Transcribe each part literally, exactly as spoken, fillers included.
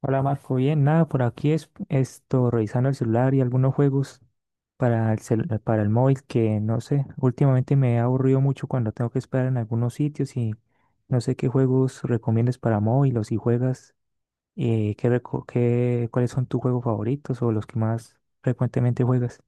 Hola Marco, bien, nada, por aquí es esto, revisando el celular y algunos juegos para el, cel- para el móvil, que no sé, últimamente me he aburrido mucho cuando tengo que esperar en algunos sitios y no sé qué juegos recomiendas para móvil o si juegas. Eh, qué, reco- qué- ¿cuáles son tus juegos favoritos o los que más frecuentemente juegas?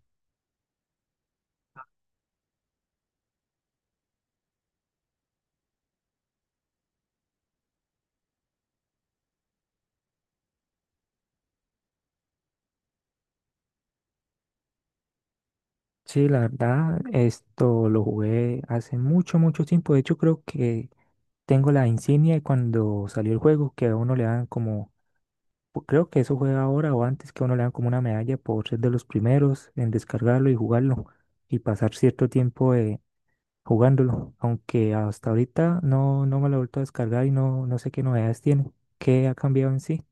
Sí, la verdad, esto lo jugué hace mucho, mucho tiempo. De hecho creo que tengo la insignia de cuando salió el juego, que a uno le dan como Pu- Creo que eso fue ahora o antes, que a uno le dan como una medalla por ser de los primeros en descargarlo y jugarlo y pasar cierto tiempo, eh, jugándolo, aunque hasta ahorita no, no me lo he vuelto a descargar y no, no sé qué novedades tiene, qué ha cambiado en sí.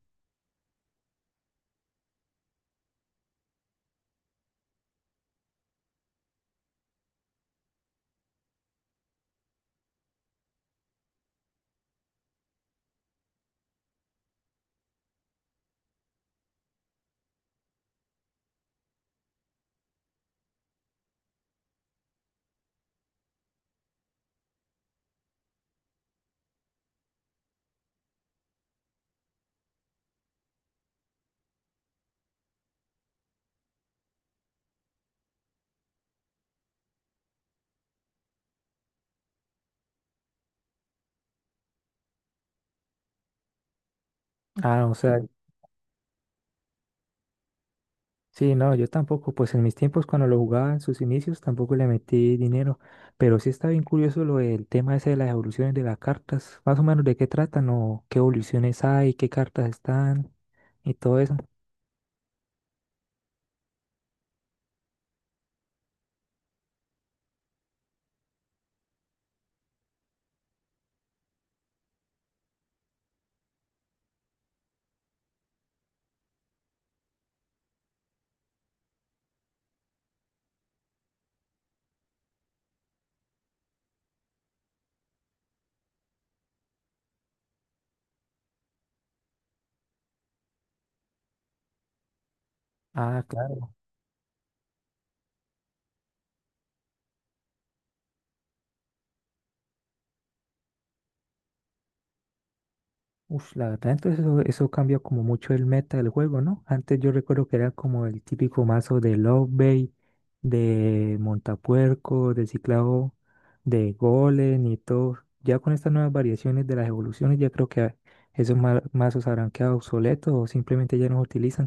Ah, o sea, sí, no, yo tampoco, pues en mis tiempos cuando lo jugaba en sus inicios tampoco le metí dinero, pero sí está bien curioso lo del tema ese de las evoluciones de las cartas, más o menos de qué tratan o qué evoluciones hay, qué cartas están y todo eso. Ah, claro. Uf, la verdad, entonces eso, eso cambia como mucho el meta del juego, ¿no? Antes yo recuerdo que era como el típico mazo de Love Bait, de Montapuerco, de Ciclado, de Golem y todo. Ya con estas nuevas variaciones de las evoluciones, ya creo que esos ma- mazos habrán quedado obsoletos o simplemente ya no se utilizan.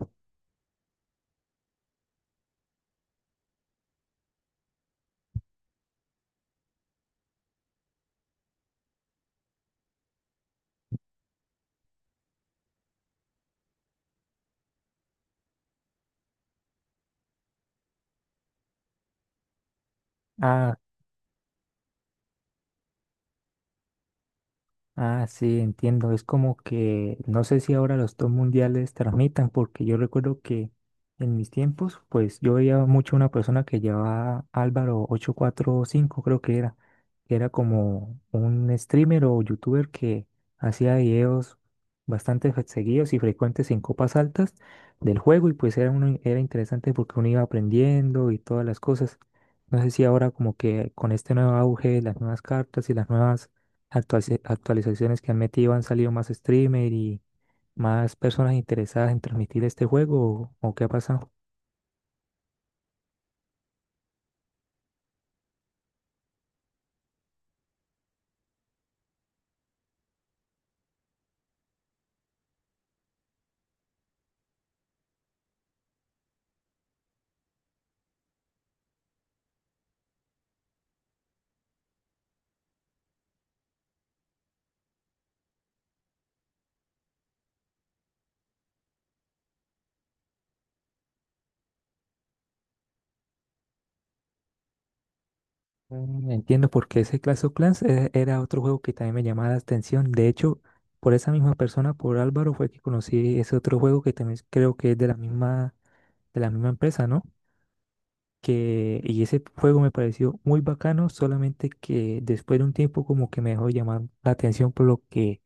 Ah. Ah, sí, entiendo. Es como que no sé si ahora los dos mundiales transmitan, porque yo recuerdo que en mis tiempos, pues yo veía mucho una persona que llevaba Álvaro ocho cuatro cinco, creo que era, que era como un streamer o youtuber que hacía videos bastante fre- seguidos y frecuentes en copas altas del juego y pues era uno, era interesante, porque uno iba aprendiendo y todas las cosas. No sé si ahora como que con este nuevo auge, las nuevas cartas y las nuevas actualice- actualizaciones que han metido, han salido más streamer y más personas interesadas en transmitir este juego o, o qué ha pasado. Mm, Entiendo, porque ese Clash of Clans, eh, era otro juego que también me llamaba la atención. De hecho, por esa misma persona, por Álvaro, fue que conocí ese otro juego, que también creo que es de la misma, de la misma empresa, ¿no? Que, y ese juego me pareció muy bacano, solamente que después de un tiempo como que me dejó llamar la atención por lo que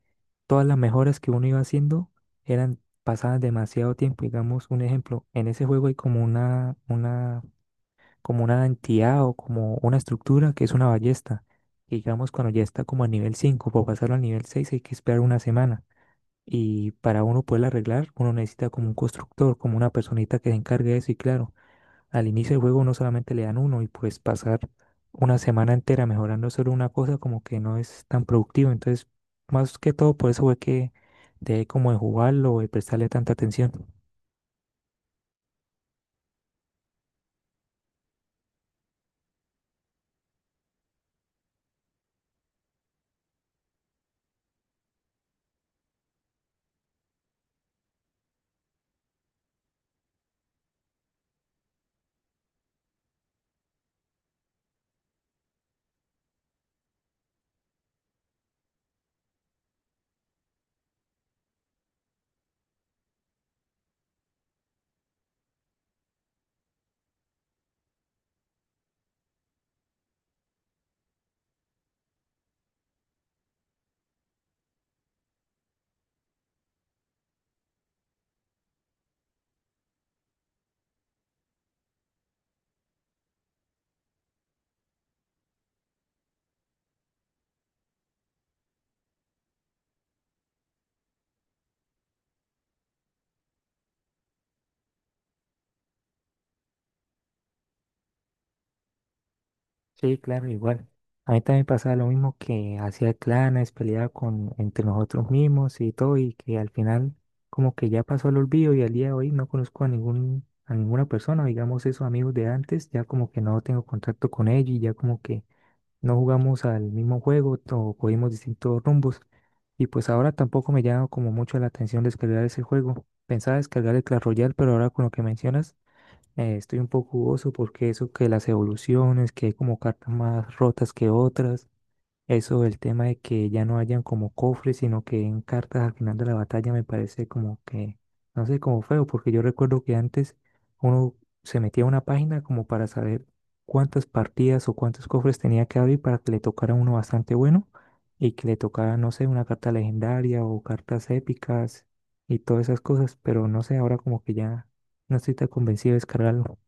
todas las mejoras que uno iba haciendo eran pasadas demasiado tiempo. Digamos, un ejemplo, en ese juego hay como una, una, como una entidad o como una estructura que es una ballesta. Y digamos, cuando ya está como a nivel cinco, para pasarlo al nivel seis hay que esperar una semana. Y para uno poderla arreglar, uno necesita como un constructor, como una personita que se encargue de eso y claro. Al inicio del juego uno solamente le dan uno y pues pasar una semana entera mejorando solo una cosa como que no es tan productivo. Entonces, más que todo por eso fue que dejé como de jugarlo o de prestarle tanta atención. Sí, claro, igual. A mí también pasaba lo mismo, que hacía clanes, peleaba con entre nosotros mismos y todo, y que al final como que ya pasó el olvido y al día de hoy no conozco a ningún a ninguna persona. Digamos, esos amigos de antes, ya como que no tengo contacto con ellos y ya como que no jugamos al mismo juego o cogimos distintos rumbos. Y pues ahora tampoco me llama como mucho la atención descargar ese juego. Pensaba descargar el Clash Royale, pero ahora con lo que mencionas, eh, estoy un poco jugoso, porque eso que las evoluciones, que hay como cartas más rotas que otras, eso, el tema de que ya no hayan como cofres, sino que en cartas al final de la batalla, me parece como que, no sé, como feo, porque yo recuerdo que antes uno se metía a una página como para saber cuántas partidas o cuántos cofres tenía que abrir para que le tocara uno bastante bueno y que le tocara, no sé, una carta legendaria o cartas épicas y todas esas cosas, pero no sé, ahora como que ya no estoy tan convencido de descargarlo.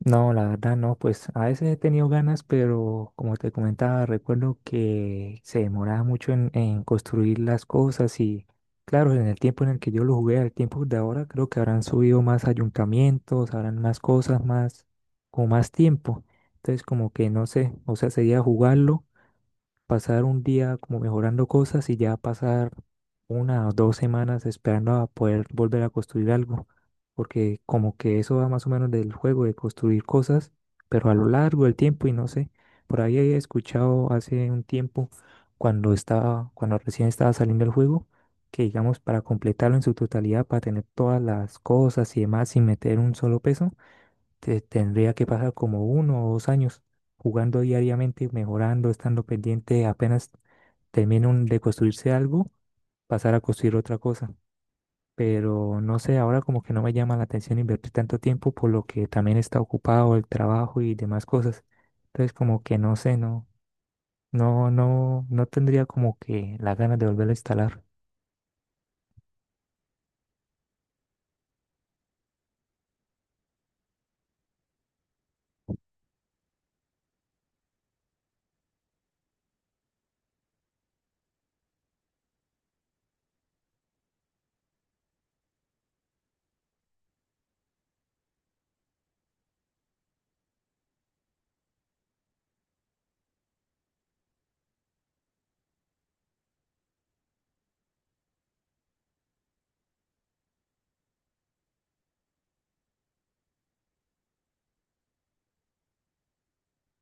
No, la verdad no, pues a veces he tenido ganas, pero como te comentaba, recuerdo que se demoraba mucho en, en construir las cosas y claro, en el tiempo en el que yo lo jugué, al tiempo de ahora, creo que habrán subido más ayuntamientos, habrán más cosas, más, con más tiempo. Entonces como que no sé, o sea, sería jugarlo, pasar un día como mejorando cosas y ya pasar una o dos semanas esperando a poder volver a construir algo, porque como que eso va más o menos del juego, de construir cosas, pero a lo largo del tiempo, y no sé, por ahí he escuchado hace un tiempo, cuando estaba, cuando recién estaba saliendo el juego, que digamos, para completarlo en su totalidad, para tener todas las cosas y demás sin meter un solo peso, te- tendría que pasar como uno o dos años jugando diariamente, mejorando, estando pendiente, apenas termine un- de construirse algo, pasar a construir otra cosa. Pero no sé, ahora como que no me llama la atención invertir tanto tiempo, por lo que también está ocupado el trabajo y demás cosas. Entonces como que no sé, no, no, no, no tendría como que la ganas de volver a instalar.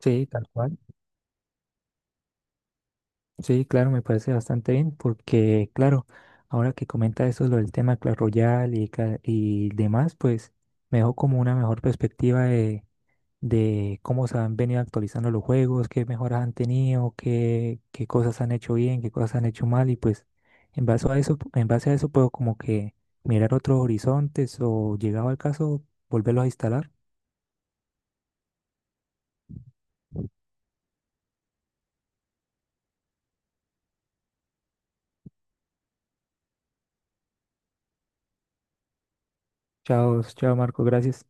Sí, tal cual. Sí, claro, me parece bastante bien, porque claro, ahora que comenta eso, lo del tema Clash Royale y, ca- y demás, pues me dejó como una mejor perspectiva de, de cómo se han venido actualizando los juegos, qué mejoras han tenido, qué, qué cosas han hecho bien, qué cosas han hecho mal y pues en base a eso, en base a eso puedo como que mirar otros horizontes o, llegado al caso, volverlos a instalar. Chao, chao Marco, gracias.